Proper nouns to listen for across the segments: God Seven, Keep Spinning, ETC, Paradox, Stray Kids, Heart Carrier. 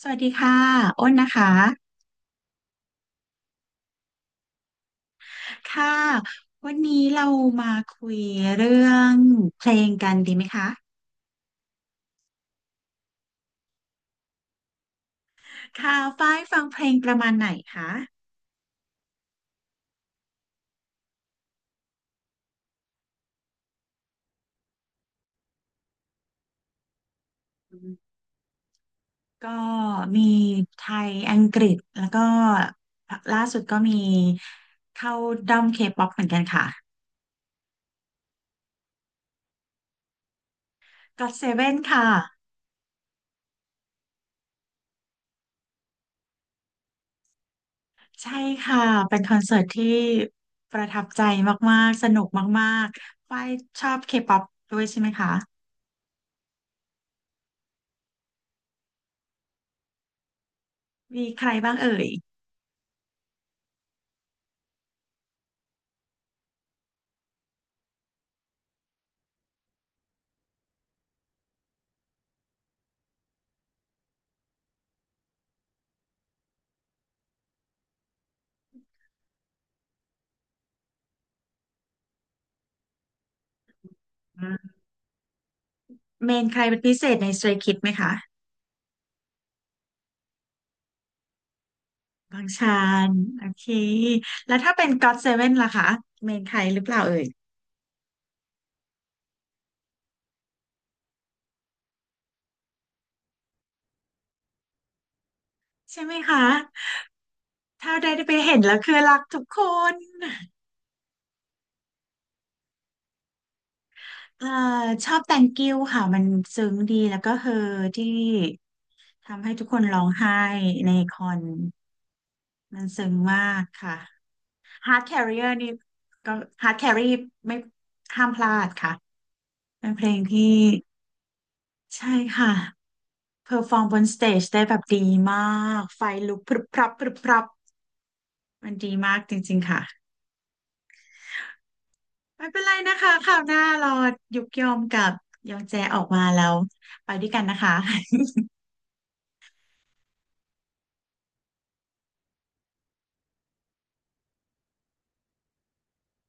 สวัสดีค่ะอ้นนะคะค่ะวันนี้เรามาคุยเรื่องเพลงกันดีไหมคะค่ะฝ้ายฟังเพลงประมาณไหนคะอืมก็มีไทยอังกฤษแล้วก็ล่าสุดก็มีเข้าด้อมเคป๊อปเหมือนกันค่ะ God Seven ค่ะใช่ค่ะเป็นคอนเสิร์ตที่ประทับใจมากๆสนุกมากๆฝ้ายชอบเคป๊อปด้วยใช่ไหมคะมีใครบ้างเอ่ย เมนใครเป็นพิเศษใน Stray Kids ไหมคะบางชานโอเคแล้วถ้าเป็น God ซเว่นล่ะคะเมนใครหรือเปล่าเอ่ยใช่ไหมคะถ้าได้ไปเห็นแล้วคือรักทุกคนเอ่อชอบ Thank you ค่ะมันซึ้งดีแล้วก็เฮอที่ทำให้ทุกคนร้องไห้ในคอนมันซึ้งมากค่ะ Heart Carrier นี่ก็ Heart Carry ไม่ห้ามพลาดค่ะเป็นเพลงที่ใช่ค่ะ เพอร์ฟอร์มบนสเตจได้แบบดีมากไฟลุกพรึบพรับพรึบพรับมันดีมากจริงๆค่ะไม่เป็นไรนะคะคราวหน้าเรายุกยอมกับยองแจออกมาแล้วไปด้วยกันนะคะ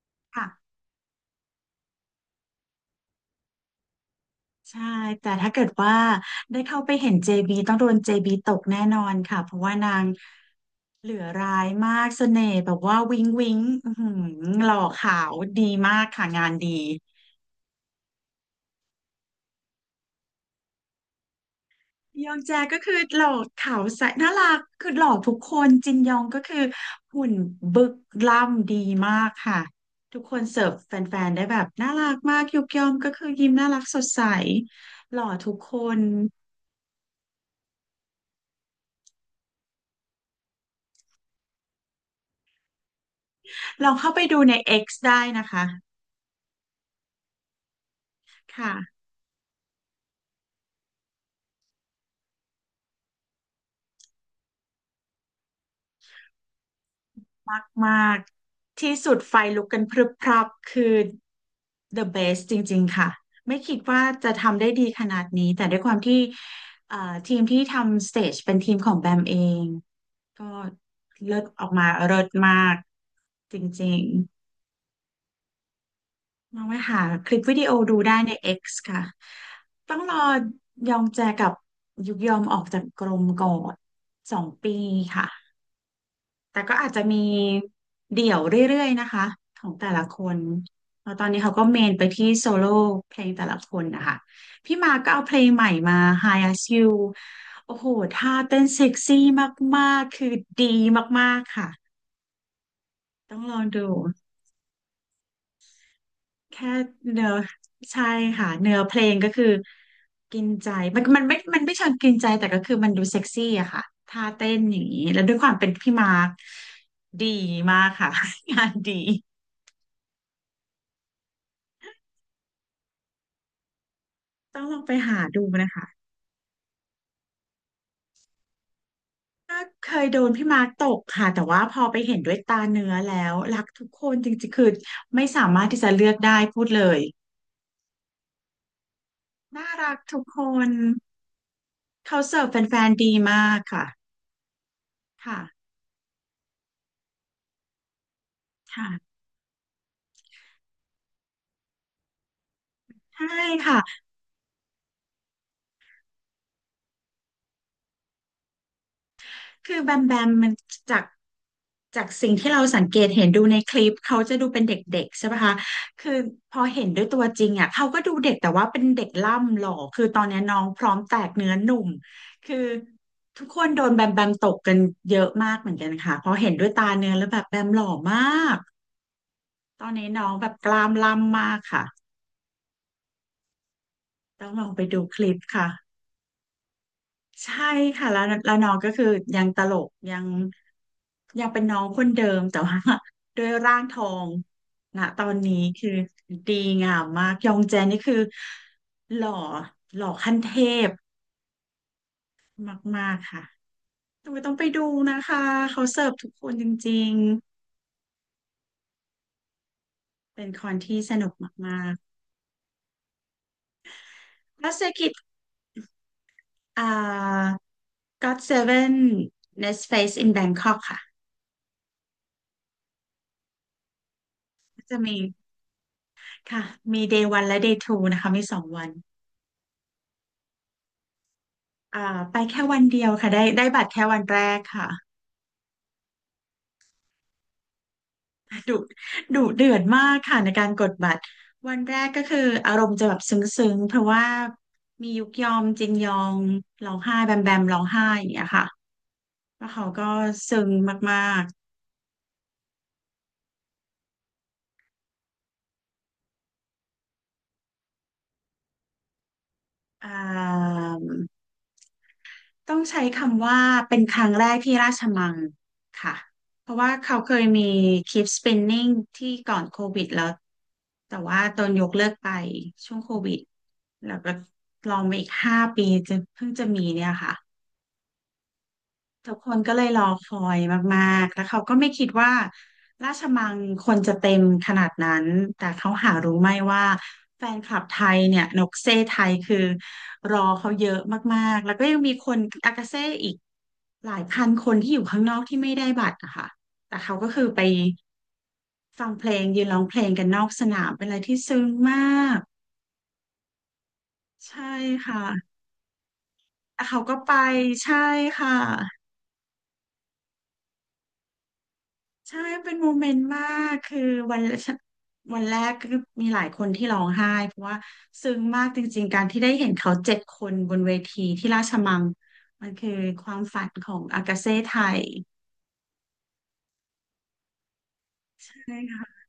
ค่ะใช่แต่ถ้าเกิดว่าได้เข้าไปเห็น JB ต้องโดน JB ตกแน่นอนค่ะเพราะว่านางเหลือร้ายมากเสน่ห์แบบว่าวิ้งวิ้งอื้อหือหล่อขาวดีมากค่ะงานดี ยองแจก็คือหล่อขาวใสน่ารักคือหล่อทุกคนจินยองก็คือหุ่นบึกล่ำดีมากค่ะทุกคนเสิร์ฟแฟนๆได้แบบน่ารักมากยุกยอมก็คือยิ้มน่ารักสดใสหล่อทุกคนลองเข้าไปดูใน X ได้นะคะค่ะมากมากที่สุดไฟลุกกันพรึบพรับคือ the best จริงๆค่ะไม่คิดว่าจะทำได้ดีขนาดนี้แต่ด้วยความที่ทีมที่ทำสเตจเป็นทีมของแบมเอง ก็เลิศออกมาเลิศมากจริงๆลองไปหาคลิปวิดีโอดูได้ใน X ค่ะต้องรอยองแจกับยุกยอมออกจากกรมก่อนสองปีค่ะแต่ก็อาจจะมีเดี่ยวเรื่อยๆนะคะของแต่ละคนแล้วตอนนี้เขาก็เมนไปที่โซโล่เพลงแต่ละคนนะคะพี่มาก็เอาเพลงใหม่มา Hi As You โอ้โหท่าเต้นเซ็กซี่มากๆคือดีมากๆค่ะต้องลองดู แค่เนื้อใช่ค่ะเนื้อเพลงก็คือกินใจมันมันไม่มันไม่เชิงกินใจแต่ก็คือมันดูเซ็กซี่อะค่ะท่าเต้นอย่างนี้แล้วด้วยความเป็นพี่มาร์คดีมากค่ะ งานดีต้องลองไปหาดูนะคะก็เคยโดนพี่มาร์คตกค่ะแต่ว่าพอไปเห็นด้วยตาเนื้อแล้วรักทุกคนจริงๆคือไม่สามารถที่จะเลือกได้พูดเลยน่ารักทุกคนเขาเสิร์ฟแฟนๆดีมากค่ะค่ะค่ะใช่ค่ะ คือแบมแบมมันจากจากสิ่งที่เราสังเกตเห็นดูในคลิปเขาจะดูเป็นเด็กๆใช่ปะคะคือพอเห็นด้วยตัวจริงอ่ะเขาก็ดูเด็กแต่ว่าเป็นเด็กล่ำหล่อ คือตอนนี้น้องพร้อมแตกเนื้อหนุ่มคือทุกคนโดนแบมแบมตกกันเยอะมากเหมือนกันค่ะพอเห็นด้วยตาเนื้อแล้วแบบแบมหล่อมากตอนนี้น้องแบบกล้ามล่ำมากค่ะต้องลองไปดูคลิปค่ะ ใช่ค่ะแล้วน้องก็คือยังตลกยังเป็นน้องคนเดิมแต่ว่า ด้วยร่างทองนะตอนนี้คือดีงามมากยองแจนนี่คือหล่อหล่อขั้นเทพมากๆค่ะต้องไปดูนะคะเขาเสิร์ฟทุกคนจริงๆเป็นคอนที่สนุกมากๆแล้วเซอร์กิตอ่าก o ดเซเวน Nest Space in Bangkok ค่ะจะมีค่ะมี Day 1และ Day 2นะคะมีสองวัน อ่าไปแค่วันเดียวค่ะได้ได้บัตรแค่วันแรกค่ะดุดุเดือดมากค่ะในการกดบัตรวันแรกก็คืออารมณ์จะแบบซึ้งๆเพราะว่ามียุกยอมจินยองร้องไห้แบมแบมร้องไห้อย่างเงี้ยค่ะแล้วเขาก็ซึ้งมากๆต้องใช้คำว่าเป็นครั้งแรกที่ราชมังค่ะเพราะว่าเขาเคยมี Keep Spinning ที่ก่อนโควิดแล้วแต่ว่าตอนยกเลิกไปช่วงโควิดแล้วก็ลองไปอีกห้าปีจะเพิ่งจะมีเนี่ยค่ะ ทุกคนก็เลยรอคอยมากๆ แล้วเขาก็ไม่คิดว่าราชมังคนจะเต็มขนาดนั้น แต่เขาหารู้ไหมว่าแฟนคลับไทยเนี่ยนกเซ่ไทยคือรอเขาเยอะมากๆแล้วก็ยังมีคนอากาเซ่อีกหลายพันคนที่อยู่ข้างนอกที่ไม่ได้บัตรอะค่ะแต่เขาก็คือไปฟังเพลงยืนร้องเพลงกันนอกสนามเป็นอะไรที่ซึ้งมากใช่ค่ะแล้วเขาก็ไปใช่ค่ะ ใช่เป็นโมเมนต์มากคือวัน วันแรกก็มีหลายคนที่ร้องไห้เพราะว่าซึ้งมากจริงๆการที่ได้เห็นเขาเจ็ดคนบนเวทีที่ราชมังมันคือความฝันของอากาเซ่ไทยใช่ค่ะ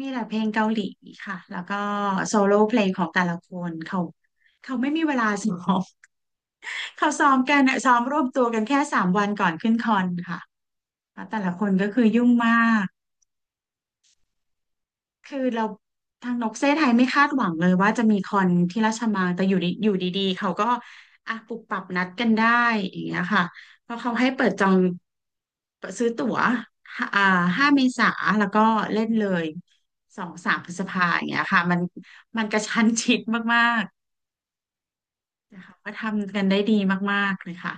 มีแต่เพลงเกาหลีค่ะแล้วก็โซโล่เพลงของแต่ละคนเขาไม่มีเวลาซ้อม เขาซ้อมกันอะซ้อมรวบตัวกันแค่สามวันก่อนขึ้นคอนค่ะแล้วแต่ละคนก็คือยุ่งมาก คือเราทางนกเซไทยไม่คาดหวังเลยว่าจะมีคอนที่ราชมังแต่อยู่ดีๆเขาก็อ่ะปุบปับนัดกันได้อย่างเงี้ยค่ะเพราะเขาให้เปิดจองเปิดซื้อตั๋วห้าอ่าห้าเมษาแล้วก็เล่นเลยสองสามพฤษภาอย่างเงี้ยค่ะมันกระชั้นชิดมากๆแต่เขาก็ทำกันได้ดีมากๆเลยค่ะ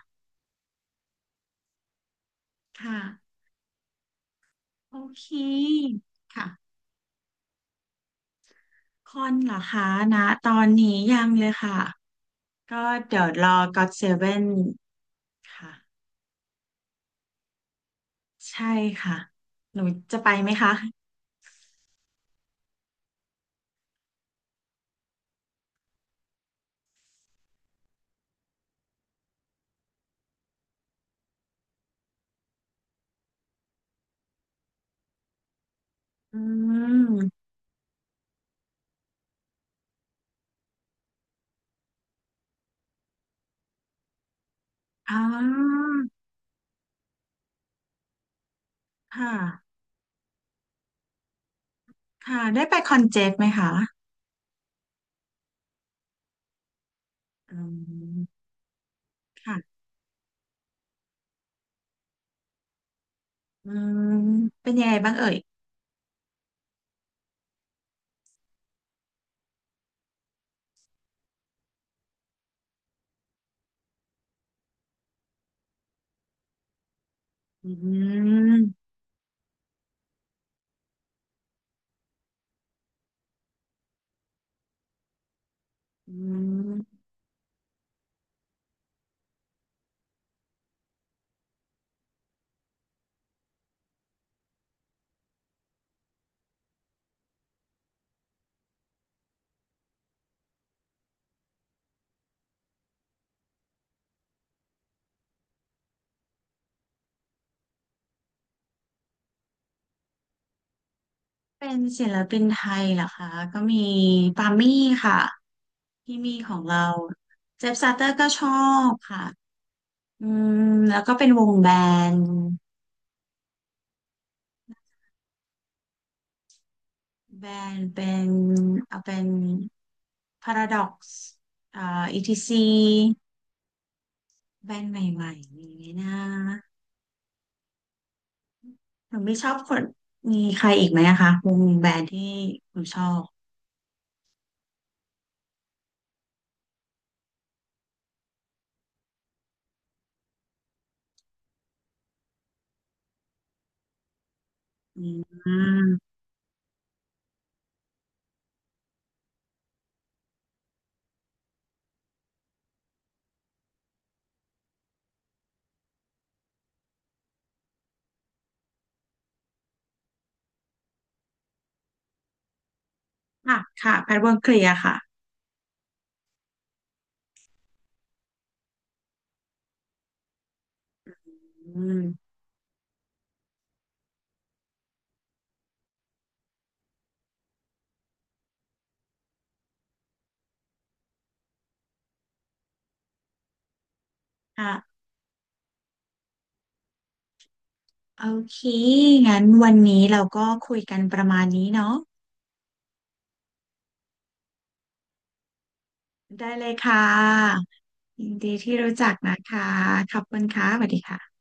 ค่ะโอเคค่ะคอนเหรอคะนะตอนนี้ยังเลยค่ะก็เดี๋ยวรอกอดเซเว่น ค่ะใช่ค่ะหนูจะไปไหมคะอืมอ่าค่ะค่ะได้ไปคอนเจ็ตไหมคะอืมค่ะอืมเป็นยังไงบ้างเอ่ยอืมอืมเป็นศิลปินไทยเหรอคะก็มีปามี่ค่ะที่มีของเราเจฟซาเตอร์ก็ชอบค่ะอืมแล้วก็เป็นวงแบนด์ แบนเป็นเอาเป็น Paradox อ่า ETC แบรนด์ใหม่ๆอย่างนี้นะหนูไม่ชอบคนมีใครอีกไหมอะคะวงแบรนด์ที่หนูชอบอืมอ่ะค่ะแพทวงเคลียร์ค่ะอืมค่ะโอเคงั้นวันนี้เราก็คุยกันประมาณนี้เนาะได้เลยค่ะยินดีที่รู้จักนะคะขอบคุณค่ะสวัสดีค่ะ